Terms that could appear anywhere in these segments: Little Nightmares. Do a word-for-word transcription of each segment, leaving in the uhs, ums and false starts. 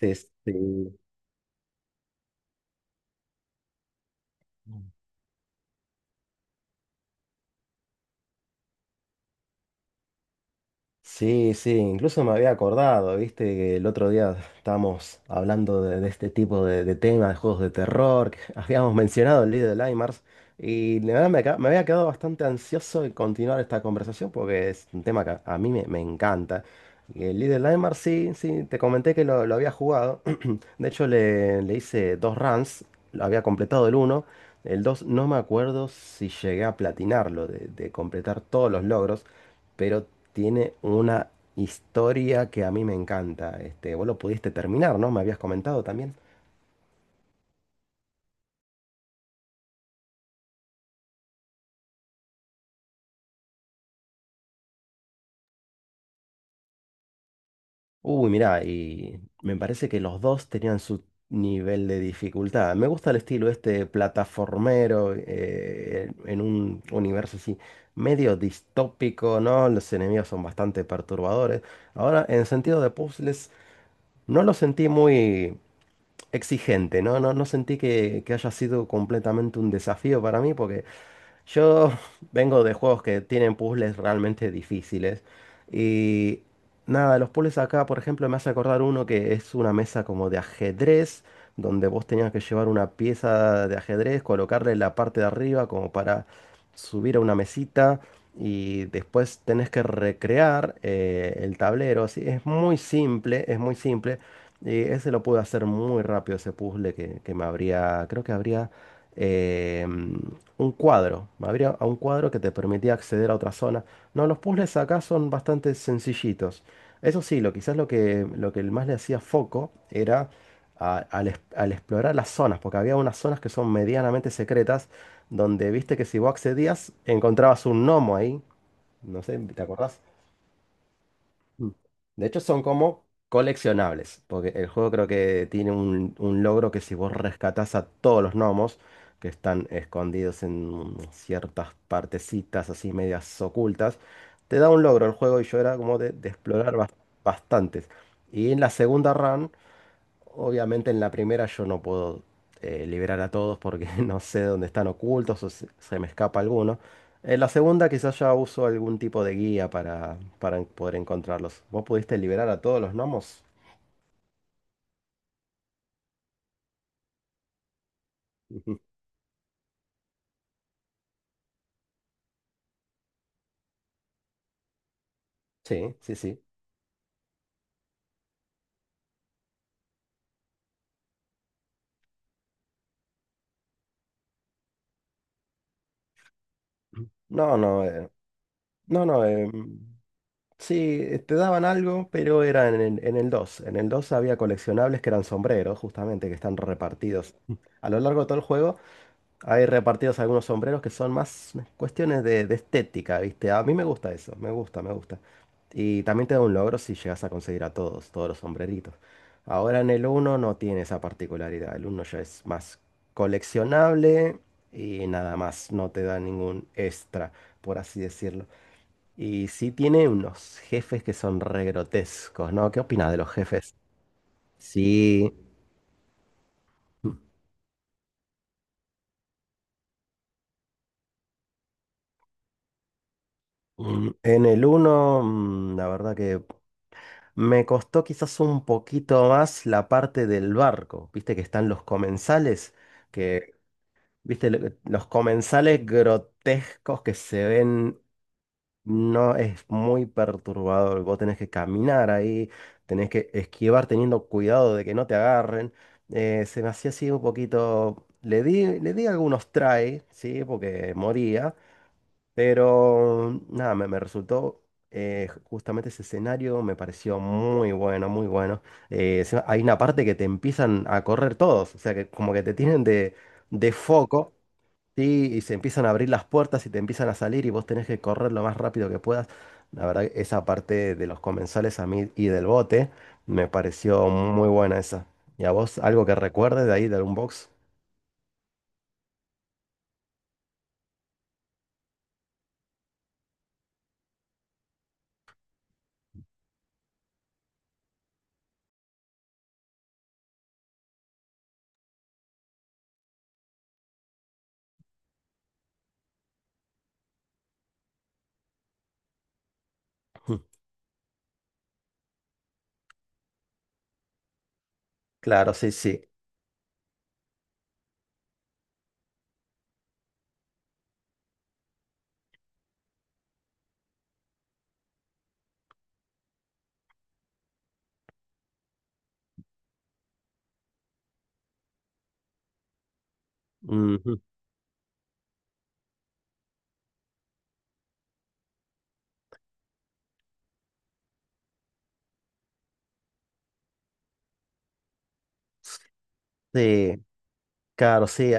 Este, Sí, sí, incluso me había acordado, viste, que el otro día estábamos hablando de, de este tipo de, de temas, de juegos de terror, que habíamos mencionado el Little Nightmares, y la verdad me, ca- me había quedado bastante ansioso de continuar esta conversación porque es un tema que a, a mí me, me encanta. Y el Little Nightmares, sí, sí, te comenté que lo, lo había jugado, de hecho le, le hice dos runs, lo había completado el uno, el dos no me acuerdo si llegué a platinarlo, de de completar todos los logros, pero tiene una historia que a mí me encanta. Este, vos lo pudiste terminar, ¿no? Me habías comentado también. Uy, mirá, y me parece que los dos tenían su nivel de dificultad. Me gusta el estilo este plataformero eh, en un universo así medio distópico, ¿no? Los enemigos son bastante perturbadores. Ahora, en sentido de puzzles, no lo sentí muy exigente, ¿no? No, no sentí que, que haya sido completamente un desafío para mí porque... Yo vengo de juegos que tienen puzzles realmente difíciles. Y nada, los puzzles acá, por ejemplo, me hace acordar uno que es una mesa como de ajedrez, donde vos tenías que llevar una pieza de ajedrez, colocarle la parte de arriba como para subir a una mesita. Y después tenés que recrear eh, el tablero. Así, es muy simple, es muy simple. Y ese lo pude hacer muy rápido, ese puzzle que, que me habría, creo que habría eh, un cuadro. Me abría a un cuadro que te permitía acceder a otra zona. No, los puzzles acá son bastante sencillitos. Eso sí, lo, quizás lo que, lo que más le hacía foco era a- al, es- al explorar las zonas, porque había unas zonas que son medianamente secretas, donde viste que si vos accedías, encontrabas un gnomo ahí. No sé, ¿te acordás? Mm. De hecho, son como coleccionables, porque el juego creo que tiene un, un logro que si vos rescatás a todos los gnomos que están escondidos en ciertas partecitas así medias ocultas, te da un logro el juego y yo era como de, de explorar bas- bastantes. Y en la segunda run... Obviamente en la primera yo no puedo eh, liberar a todos porque no sé dónde están ocultos o se, se me escapa alguno. En la segunda quizás ya uso algún tipo de guía para, para poder encontrarlos. ¿Vos pudiste liberar a todos los gnomos? Ujú. Sí, sí, sí. No, no, eh, no, no. eh, sí, eh, te daban algo, pero era en el, en el dos. En el dos había coleccionables que eran sombreros, justamente, que están repartidos a lo largo de todo el juego. Hay repartidos algunos sombreros que son más cuestiones de, de estética, ¿viste? A mí me gusta eso, me gusta, me gusta. Y también te da un logro si llegas a conseguir a todos, todos los sombreritos. Ahora en el uno no tiene esa particularidad, el uno ya es más coleccionable y nada más, no te da ningún extra, por así decirlo. Y sí tiene unos jefes que son re grotescos, ¿no? ¿Qué opinas de los jefes? Sí, mm, en el uno, la verdad que me costó quizás un poquito más la parte del barco. Viste que están los comensales, que, viste, lo- eh, los comensales grotescos que se ven, no es muy perturbador. Vos tenés que caminar ahí, tenés que esquivar teniendo cuidado de que no te agarren. Eh, se me hacía así un poquito. Le di, le di algunos try, ¿sí? Porque moría. Pero nada, me, me resultó, eh, justamente ese escenario, me pareció muy bueno, muy bueno. Eh, encima hay una parte que te empiezan a correr todos, o sea que como que te tienen de, de foco, ¿sí? Y se empiezan a abrir las puertas y te empiezan a salir y vos tenés que correr lo más rápido que puedas. La verdad, que esa parte de los comensales a mí y del bote me pareció muy buena esa. ¿Y a vos algo que recuerdes de ahí, del box? Claro, sí, sí. Ujú. Sí, claro, sí.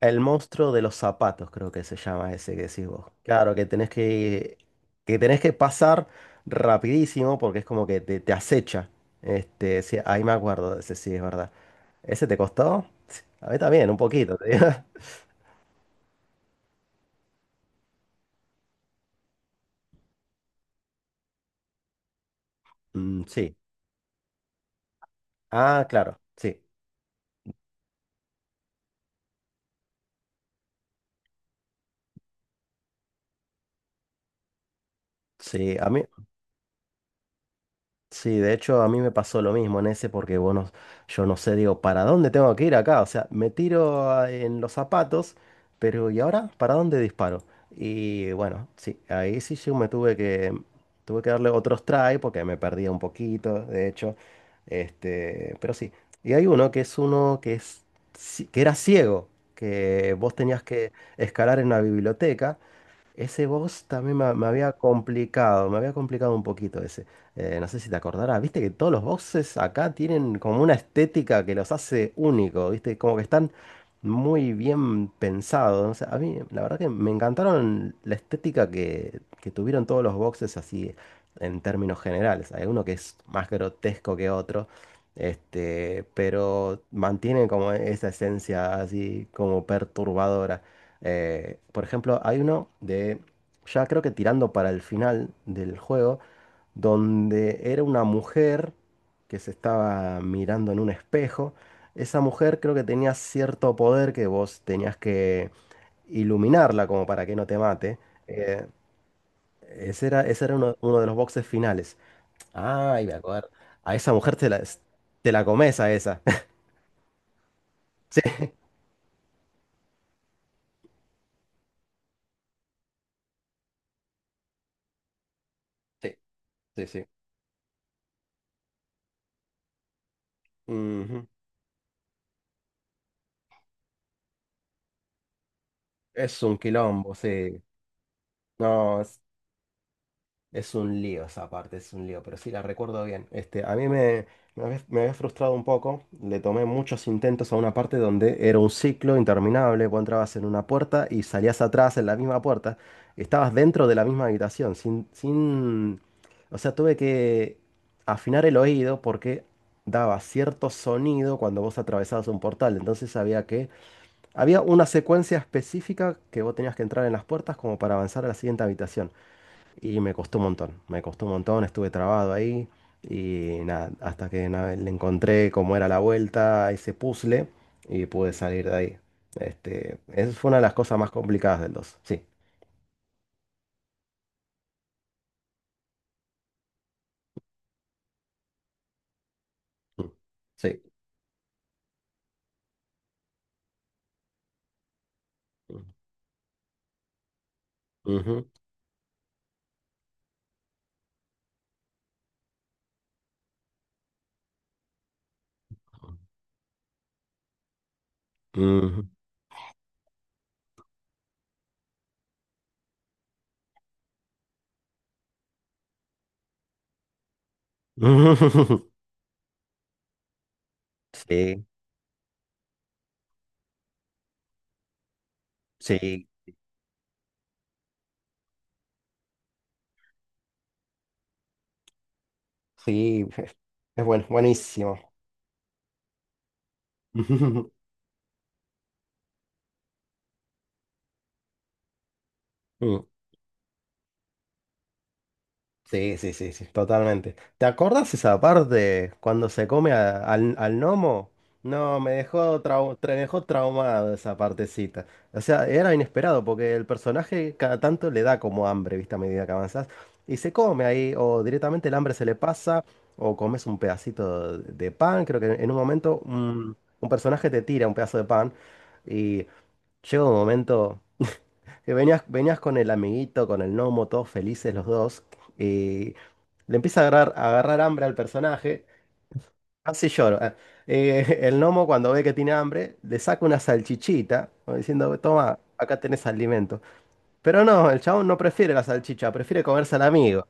El monstruo de los zapatos, creo que se llama ese que decís vos. Claro, que tenés que, que tenés que pasar rapidísimo porque es como que te, te acecha. Este, sí, ahí me acuerdo de ese, sí, es verdad. ¿Ese te costó? Sí, a mí también, un poquito, te digo. Mm, sí. Ah, claro, sí. Sí, a mí, sí, de hecho a mí me pasó lo mismo en ese porque, bueno, yo no sé, digo, ¿para dónde tengo que ir acá? O sea, me tiro a- en los zapatos, pero ¿y ahora? ¿Para dónde disparo? Y bueno, sí, ahí sí yo me tuve que, tuve que darle otros try porque me perdía un poquito, de hecho. Este, pero sí. Y hay uno que es uno que es, ci- que era ciego, que vos tenías que escalar en una biblioteca. Ese boss también me, me había complicado, me había complicado un poquito ese. Eh, no sé si te acordarás, viste que todos los bosses acá tienen como una estética que los hace únicos, viste, como que están muy bien pensados. No sé, a mí la verdad que me encantaron la estética que, que tuvieron todos los bosses así en términos generales. Hay uno que es más grotesco que otro, este, pero mantiene como esa esencia así como perturbadora. Eh, por ejemplo, hay uno de, ya creo que tirando para el final del juego, donde era una mujer que se estaba mirando en un espejo. Esa mujer creo que tenía cierto poder que vos tenías que iluminarla como para que no te mate. Eh, ese era, ese era uno, uno de los boxes finales. Ay, me acuerdo. A esa mujer te la, te la comes a esa. Sí, sí, sí. Sí. Ujú. Es un quilombo, sí. No, es un lío esa parte, es un lío, pero sí la recuerdo bien. Este, a mí me, me había, me había frustrado un poco. Le tomé muchos intentos a una parte donde era un ciclo interminable. Vos entrabas en una puerta y salías atrás en la misma puerta. Estabas dentro de la misma habitación, sin, sin... O sea, tuve que afinar el oído porque daba cierto sonido cuando vos atravesabas un portal. Entonces había que... Había una secuencia específica que vos tenías que entrar en las puertas como para avanzar a la siguiente habitación. Y me costó un montón, me costó un montón, estuve trabado ahí y nada, hasta que nada, le encontré cómo era la vuelta a ese puzzle y pude salir de ahí. Este, esa fue una de las cosas más complicadas del dos, sí. Mm, sí. Mm, ujú, ujú. Sí, sí, sí, es bueno, buenísimo. Mm. Sí, sí, sí, sí, totalmente. ¿Te acordás esa parte cuando se come a- al, al gnomo? No, me dejó, trau- tra- me dejó traumado esa partecita. O sea, era inesperado porque el personaje cada tanto le da como hambre, ¿viste? A medida que avanzás. Y se come ahí, o directamente el hambre se le pasa, o comes un pedacito de de pan. Creo que en un momento un, un personaje te tira un pedazo de pan y llega un momento. Que venías, venías con el amiguito, con el gnomo, todos felices los dos. Y le empieza a agarrar, a agarrar hambre al personaje. Casi lloro. Ah. Eh, el gnomo, cuando ve que tiene hambre, le saca una salchichita, como diciendo, toma, acá tenés alimento. Pero no, el chabón no prefiere la salchicha, prefiere comerse al amigo.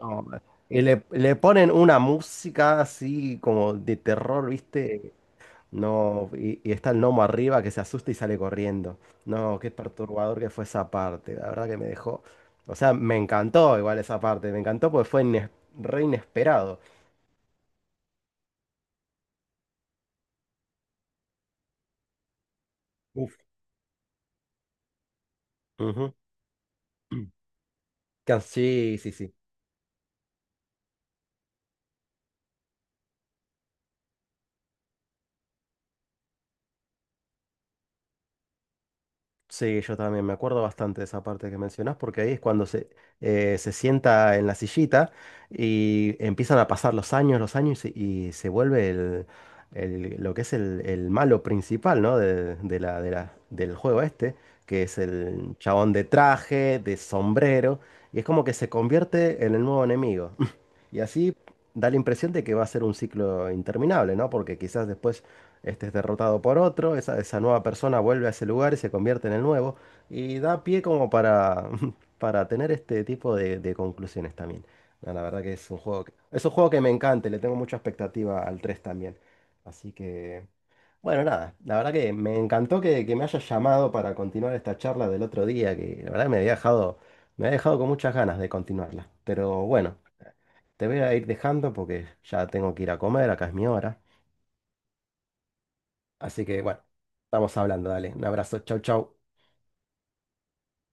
No, y le, le ponen una música así como de terror, ¿viste? No, y, y está el gnomo arriba que se asusta y sale corriendo. No, qué perturbador que fue esa parte. La verdad que me dejó. O sea, me encantó igual esa parte. Me encantó porque fue ines- re inesperado. Uf. Ujú. Que- Sí, sí, sí. Sí, yo también me acuerdo bastante de esa parte que mencionás, porque ahí es cuando se, eh, se sienta en la sillita y empiezan a pasar los años, los años y se, y se vuelve el, el- lo que es el, el malo principal, ¿no? de- de la, de la- del juego este, que es el chabón de traje, de sombrero, y es como que se convierte en el nuevo enemigo. Y así da la impresión de que va a ser un ciclo interminable, ¿no? Porque quizás después este es derrotado por otro, esa, esa nueva persona vuelve a ese lugar y se convierte en el nuevo. Y da pie como para para tener este tipo de, de conclusiones también. No, la verdad que es un juego que, es un juego que me encanta, y le tengo mucha expectativa al tres también. Así que, bueno, nada, la verdad que me encantó que, que me hayas llamado para continuar esta charla del otro día, que la verdad me había dejado, me había dejado con muchas ganas de continuarla. Pero bueno, te voy a ir dejando porque ya tengo que ir a comer, acá es mi hora. Así que bueno, estamos hablando, dale. Un abrazo, chau, chau.